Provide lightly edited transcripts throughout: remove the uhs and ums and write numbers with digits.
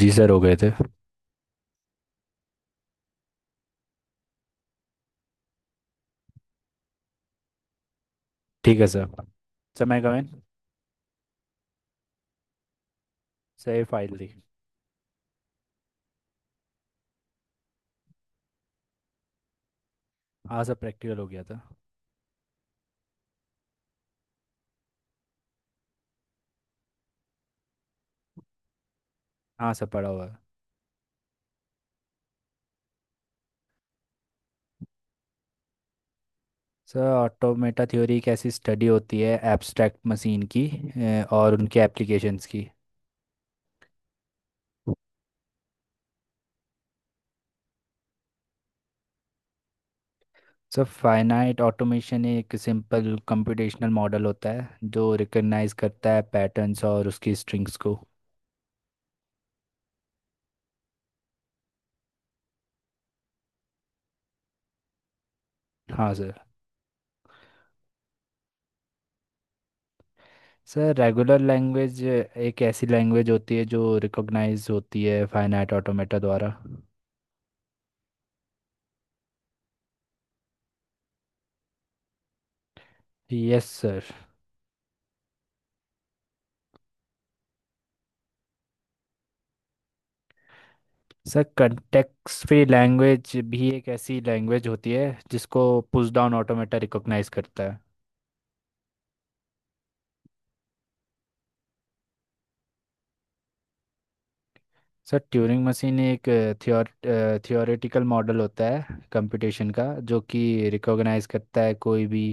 जी sir, हो गए थे। ठीक है सर। सर, मैं कमेंट। सर, ये फाइल दी। हाँ सर, प्रैक्टिकल हो गया था। हाँ सर, पढ़ा हुआ है। सर, ऑटोमेटा थ्योरी एक ऐसी स्टडी होती है एब्स्ट्रैक्ट मशीन की और उनके एप्लीकेशंस की। सर, फाइनाइट ऑटोमेशन एक सिंपल कंप्यूटेशनल मॉडल होता है जो रिकग्नाइज करता है पैटर्न्स और उसकी स्ट्रिंग्स को। हाँ सर। सर, रेगुलर लैंग्वेज एक ऐसी लैंग्वेज होती है जो रिकॉग्नाइज होती है फाइनाइट ऑटोमेटा द्वारा। Yes sir. Sir, context free language भी एक ऐसी लैंग्वेज होती है जिसको पुश डाउन ऑटोमेटा रिकॉग्नाइज करता है। सर, ट्यूरिंग मशीन एक थियोर थियोरेटिकल मॉडल होता है कंप्यूटेशन का, जो कि रिकॉग्नाइज करता है कोई भी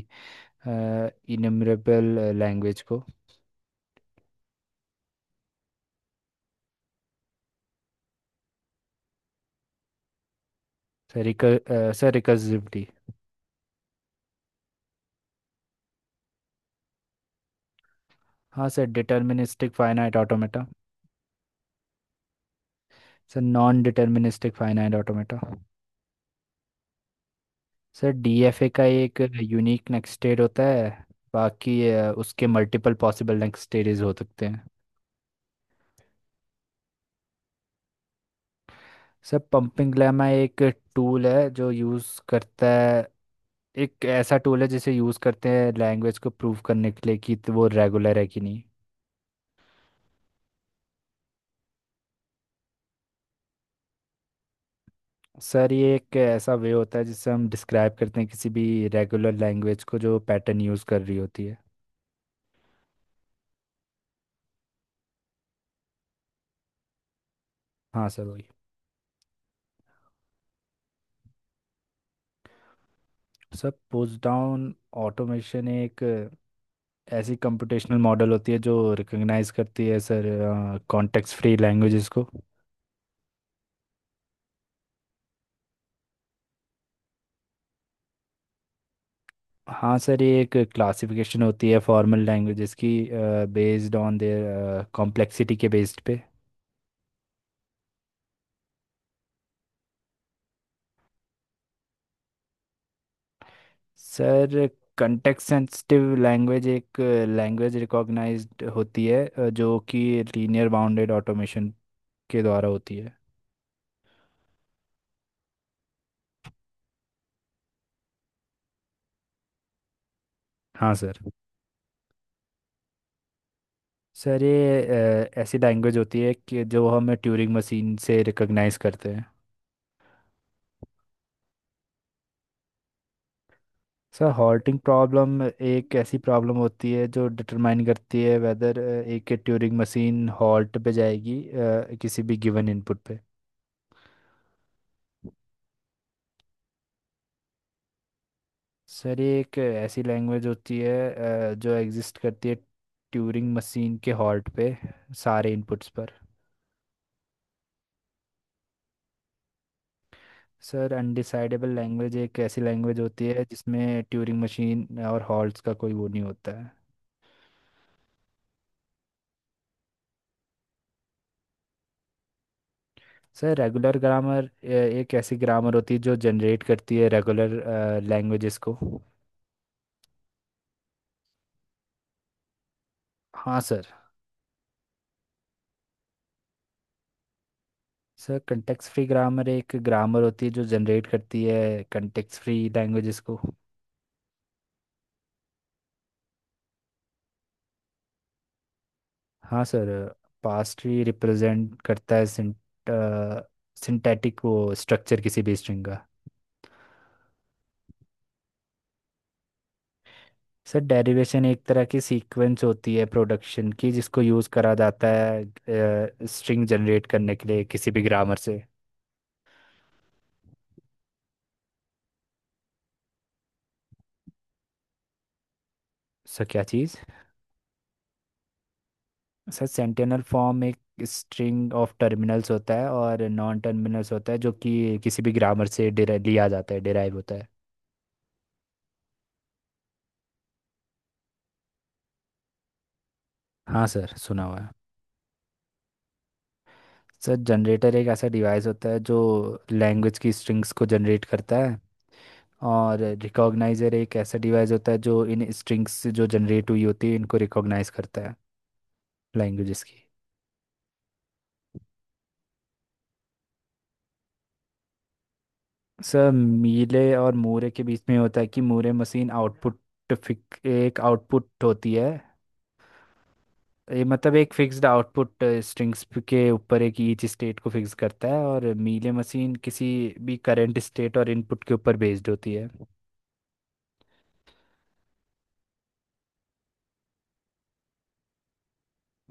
इनमरेबल लैंग्वेज को। सर रिकर सर रिकर्सिविटी। हाँ sir, deterministic finite automata. Sir, non deterministic finite automata. Sir, DFA का एक यूनिक नेक्स्ट स्टेट होता है, बाकी उसके मल्टीपल पॉसिबल नेक्स्ट स्टेजेस हो सकते हैं। सर, पंपिंग ग्लैमा टूल है जो यूज़ करता है एक ऐसा टूल है जिसे यूज़ करते हैं लैंग्वेज को प्रूव करने के लिए कि तो वो रेगुलर है कि नहीं। सर, ये एक ऐसा वे होता है जिससे हम डिस्क्राइब करते हैं किसी भी रेगुलर लैंग्वेज को जो पैटर्न यूज़ कर रही होती है। हाँ सर, वही। सर, पुश डाउन ऑटोमेशन एक ऐसी कंप्यूटेशनल मॉडल होती है जो रिकॉग्नाइज करती है सर कॉन्टेक्स्ट फ्री लैंग्वेजेस को। हाँ सर, ये एक क्लासिफिकेशन होती है फॉर्मल लैंग्वेजेस की, बेस्ड ऑन देयर कॉम्प्लेक्सिटी के बेस्ड पे। सर, कंटेक्स्ट सेंसिटिव लैंग्वेज एक लैंग्वेज रिकॉग्नाइज्ड होती है जो कि लीनियर बाउंडेड ऑटोमेशन के द्वारा होती है। हाँ सर। सर, ये ऐसी लैंग्वेज होती है कि जो हम ट्यूरिंग मशीन से रिकॉग्नाइज करते हैं। सर, हॉल्टिंग प्रॉब्लम एक ऐसी प्रॉब्लम होती है जो डिटरमाइन करती है वेदर एक ट्यूरिंग मशीन हॉल्ट पे जाएगी किसी भी गिवन इनपुट पे। सर, ये एक ऐसी लैंग्वेज होती है जो एग्जिस्ट करती है ट्यूरिंग मशीन के हॉल्ट पे सारे इनपुट्स पर। सर, अनडिसाइडेबल लैंग्वेज एक ऐसी लैंग्वेज होती है जिसमें ट्यूरिंग मशीन और हॉल्ट्स का कोई वो नहीं होता है। सर, रेगुलर ग्रामर एक ऐसी ग्रामर होती है जो जनरेट करती है रेगुलर लैंग्वेजेस को। हाँ sir. Sir, context free grammar एक ग्रामर होती है जो जनरेट करती है कंटेक्स्ट फ्री लैंग्वेजेस को। हाँ सर, पास्ट भी रिप्रेजेंट करता है सिंटैटिक वो स्ट्रक्चर किसी भी स्ट्रिंग का। सर, डेरिवेशन एक तरह की सीक्वेंस होती है प्रोडक्शन की, जिसको यूज़ करा जाता है स्ट्रिंग जनरेट करने के लिए किसी भी ग्रामर से। सर, क्या चीज़? सर, सेंटेनल फॉर्म एक स्ट्रिंग ऑफ टर्मिनल्स होता है और नॉन टर्मिनल्स होता है जो कि किसी भी ग्रामर से लिया जाता है, डिराइव होता है। हाँ सर, सुना हुआ है। सर, जनरेटर एक ऐसा डिवाइस होता है जो लैंग्वेज की स्ट्रिंग्स को जनरेट करता है, और रिकॉग्नाइजर एक ऐसा डिवाइस होता है जो इन स्ट्रिंग्स जो जनरेट हुई होती है इनको रिकॉग्नाइज करता है लैंग्वेजेस की। सर, मीले और मूरे के बीच में होता है कि मूरे मशीन आउटपुट फिक एक आउटपुट होती है, ये मतलब एक फिक्स्ड आउटपुट स्ट्रिंग्स के ऊपर एक ईच स्टेट को फिक्स करता है, और मीले मशीन किसी भी करंट स्टेट और इनपुट के ऊपर बेस्ड होती है।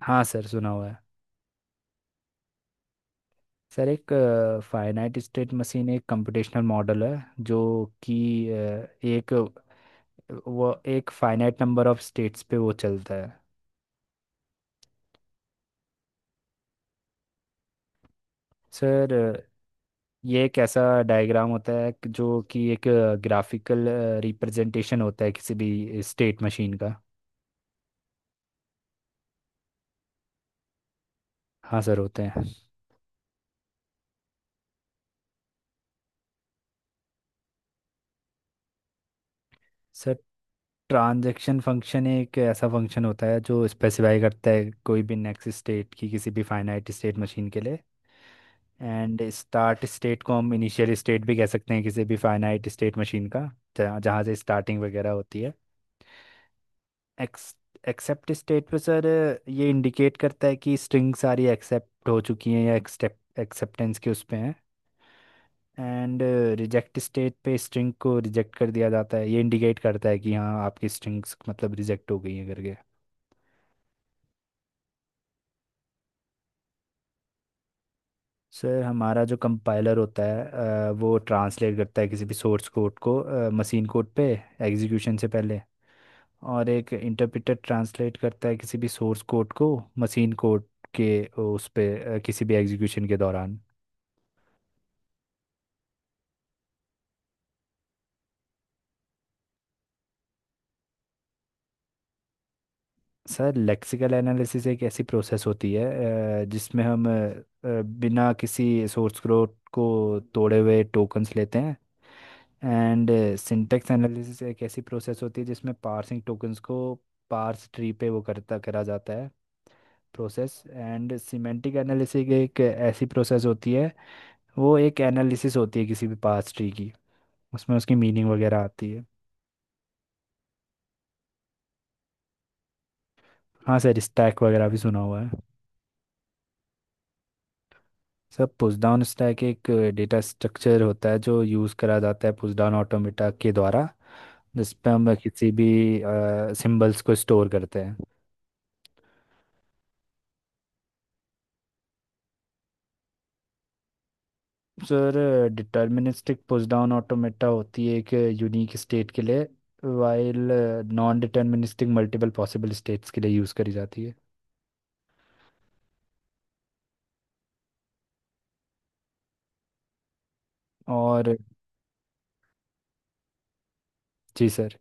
हाँ सर, सुना हुआ है। सर, एक फाइनाइट स्टेट मशीन एक कंप्यूटेशनल मॉडल है जो कि एक वो एक फाइनाइट नंबर ऑफ स्टेट्स पे वो चलता है। सर ये एक ऐसा डायग्राम होता है जो कि एक ग्राफिकल रिप्रेजेंटेशन होता है किसी भी स्टेट मशीन का। हाँ सर, होते हैं। सर, ट्रांजैक्शन फंक्शन एक ऐसा फंक्शन होता है जो स्पेसिफाई करता है कोई भी नेक्स्ट स्टेट की किसी भी फाइनाइट स्टेट मशीन के लिए। एंड स्टार्ट स्टेट को हम इनिशियल स्टेट भी कह सकते हैं किसी भी फाइनाइट स्टेट मशीन का, जहाँ जहाँ से स्टार्टिंग वगैरह होती है। एक्स एक्सेप्ट स्टेट पे सर ये इंडिकेट करता है कि स्ट्रिंग सारी एक्सेप्ट हो चुकी हैं, या एक्सेप्टेंस के उस पे हैं। एंड रिजेक्ट स्टेट पे स्ट्रिंग को रिजेक्ट कर दिया जाता है, ये इंडिकेट करता है कि हाँ आपकी स्ट्रिंग्स मतलब रिजेक्ट हो गई हैं करके। सर, हमारा जो कंपाइलर होता है वो ट्रांसलेट करता है किसी भी सोर्स कोड को मशीन कोड पे एग्जीक्यूशन से पहले, और एक इंटरप्रेटर ट्रांसलेट करता है किसी भी सोर्स कोड को मशीन कोड के उस पे किसी भी एग्जीक्यूशन के दौरान। सर, लेक्सिकल एनालिसिस एक ऐसी प्रोसेस होती है जिसमें हम बिना किसी सोर्स कोड को तोड़े हुए टोकन्स लेते हैं। एंड सिंटेक्स एनालिसिस एक ऐसी प्रोसेस होती है जिसमें पार्सिंग टोकन्स को पार्स ट्री पे वो करता करा जाता है, प्रोसेस एंड सिमेंटिक एनालिसिस एक ऐसी प्रोसेस होती है, वो एक एनालिसिस होती है किसी भी पास्ट ट्री की, उसमें उसकी मीनिंग वगैरह आती है। हाँ सर, स्टैक वगैरह भी सुना हुआ है। सर, पुश डाउन स्टैक एक डेटा स्ट्रक्चर होता है जो यूज़ करा जाता है पुश डाउन ऑटोमेटा के द्वारा, जिस पे हम किसी भी सिंबल्स को स्टोर करते हैं। Sir, deterministic push down automata होती है एक यूनिक स्टेट के लिए, while non deterministic multiple possible states के लिए यूज़ करी जाती है और। जी सर।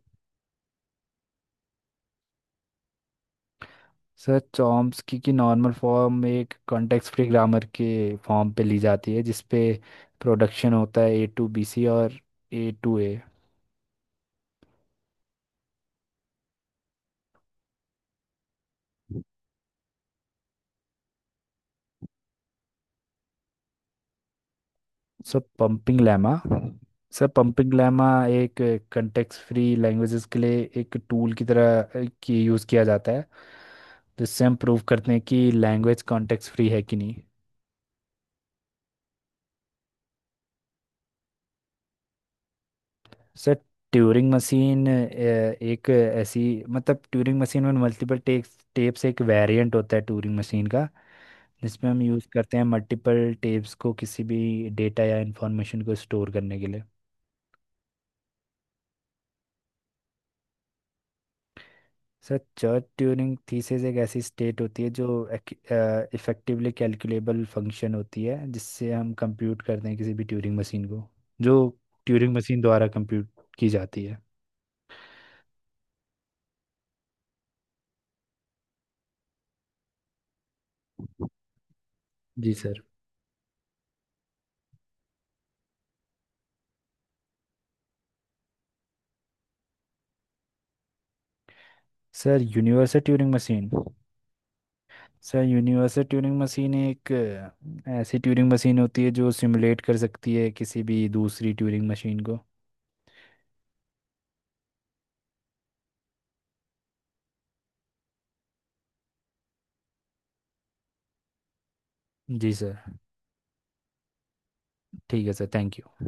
सर, चॉम्स्की की नॉर्मल फॉर्म एक कॉन्टेक्स्ट फ्री ग्रामर के फॉर्म पे ली जाती है जिसपे प्रोडक्शन होता है ए टू बी सी और A to A. Sir pumping lemma sir pumping lemma एक कॉन्टेक्स्ट फ्री लैंग्वेजेस के लिए एक टूल की तरह की यूज़ किया जाता है जिससे हम प्रूव करते हैं कि लैंग्वेज कॉन्टेक्स्ट फ्री है कि नहीं। सर, ट्यूरिंग मशीन एक ऐसी मतलब ट्यूरिंग मशीन में मल्टीपल टेप्स टेप्स एक वेरिएंट होता है ट्यूरिंग मशीन का, जिसमें हम यूज़ करते हैं मल्टीपल टेप्स को किसी भी डेटा या इंफॉर्मेशन को स्टोर करने के लिए। सर, चर्ट ट्यूरिंग थीसिस एक ऐसी स्टेट होती है जो इफेक्टिवली कैलकुलेबल फंक्शन होती है जिससे हम कंप्यूट करते हैं किसी भी ट्यूरिंग मशीन को, जो ट्यूरिंग मशीन द्वारा कंप्यूट की जाती है। जी sir. Sir universal Turing machine sir universal Turing machine एक ऐसी ट्यूरिंग मशीन होती है जो सिमुलेट कर सकती है किसी भी दूसरी ट्यूरिंग मशीन को। जी सर। ठीक है सर, थैंक यू।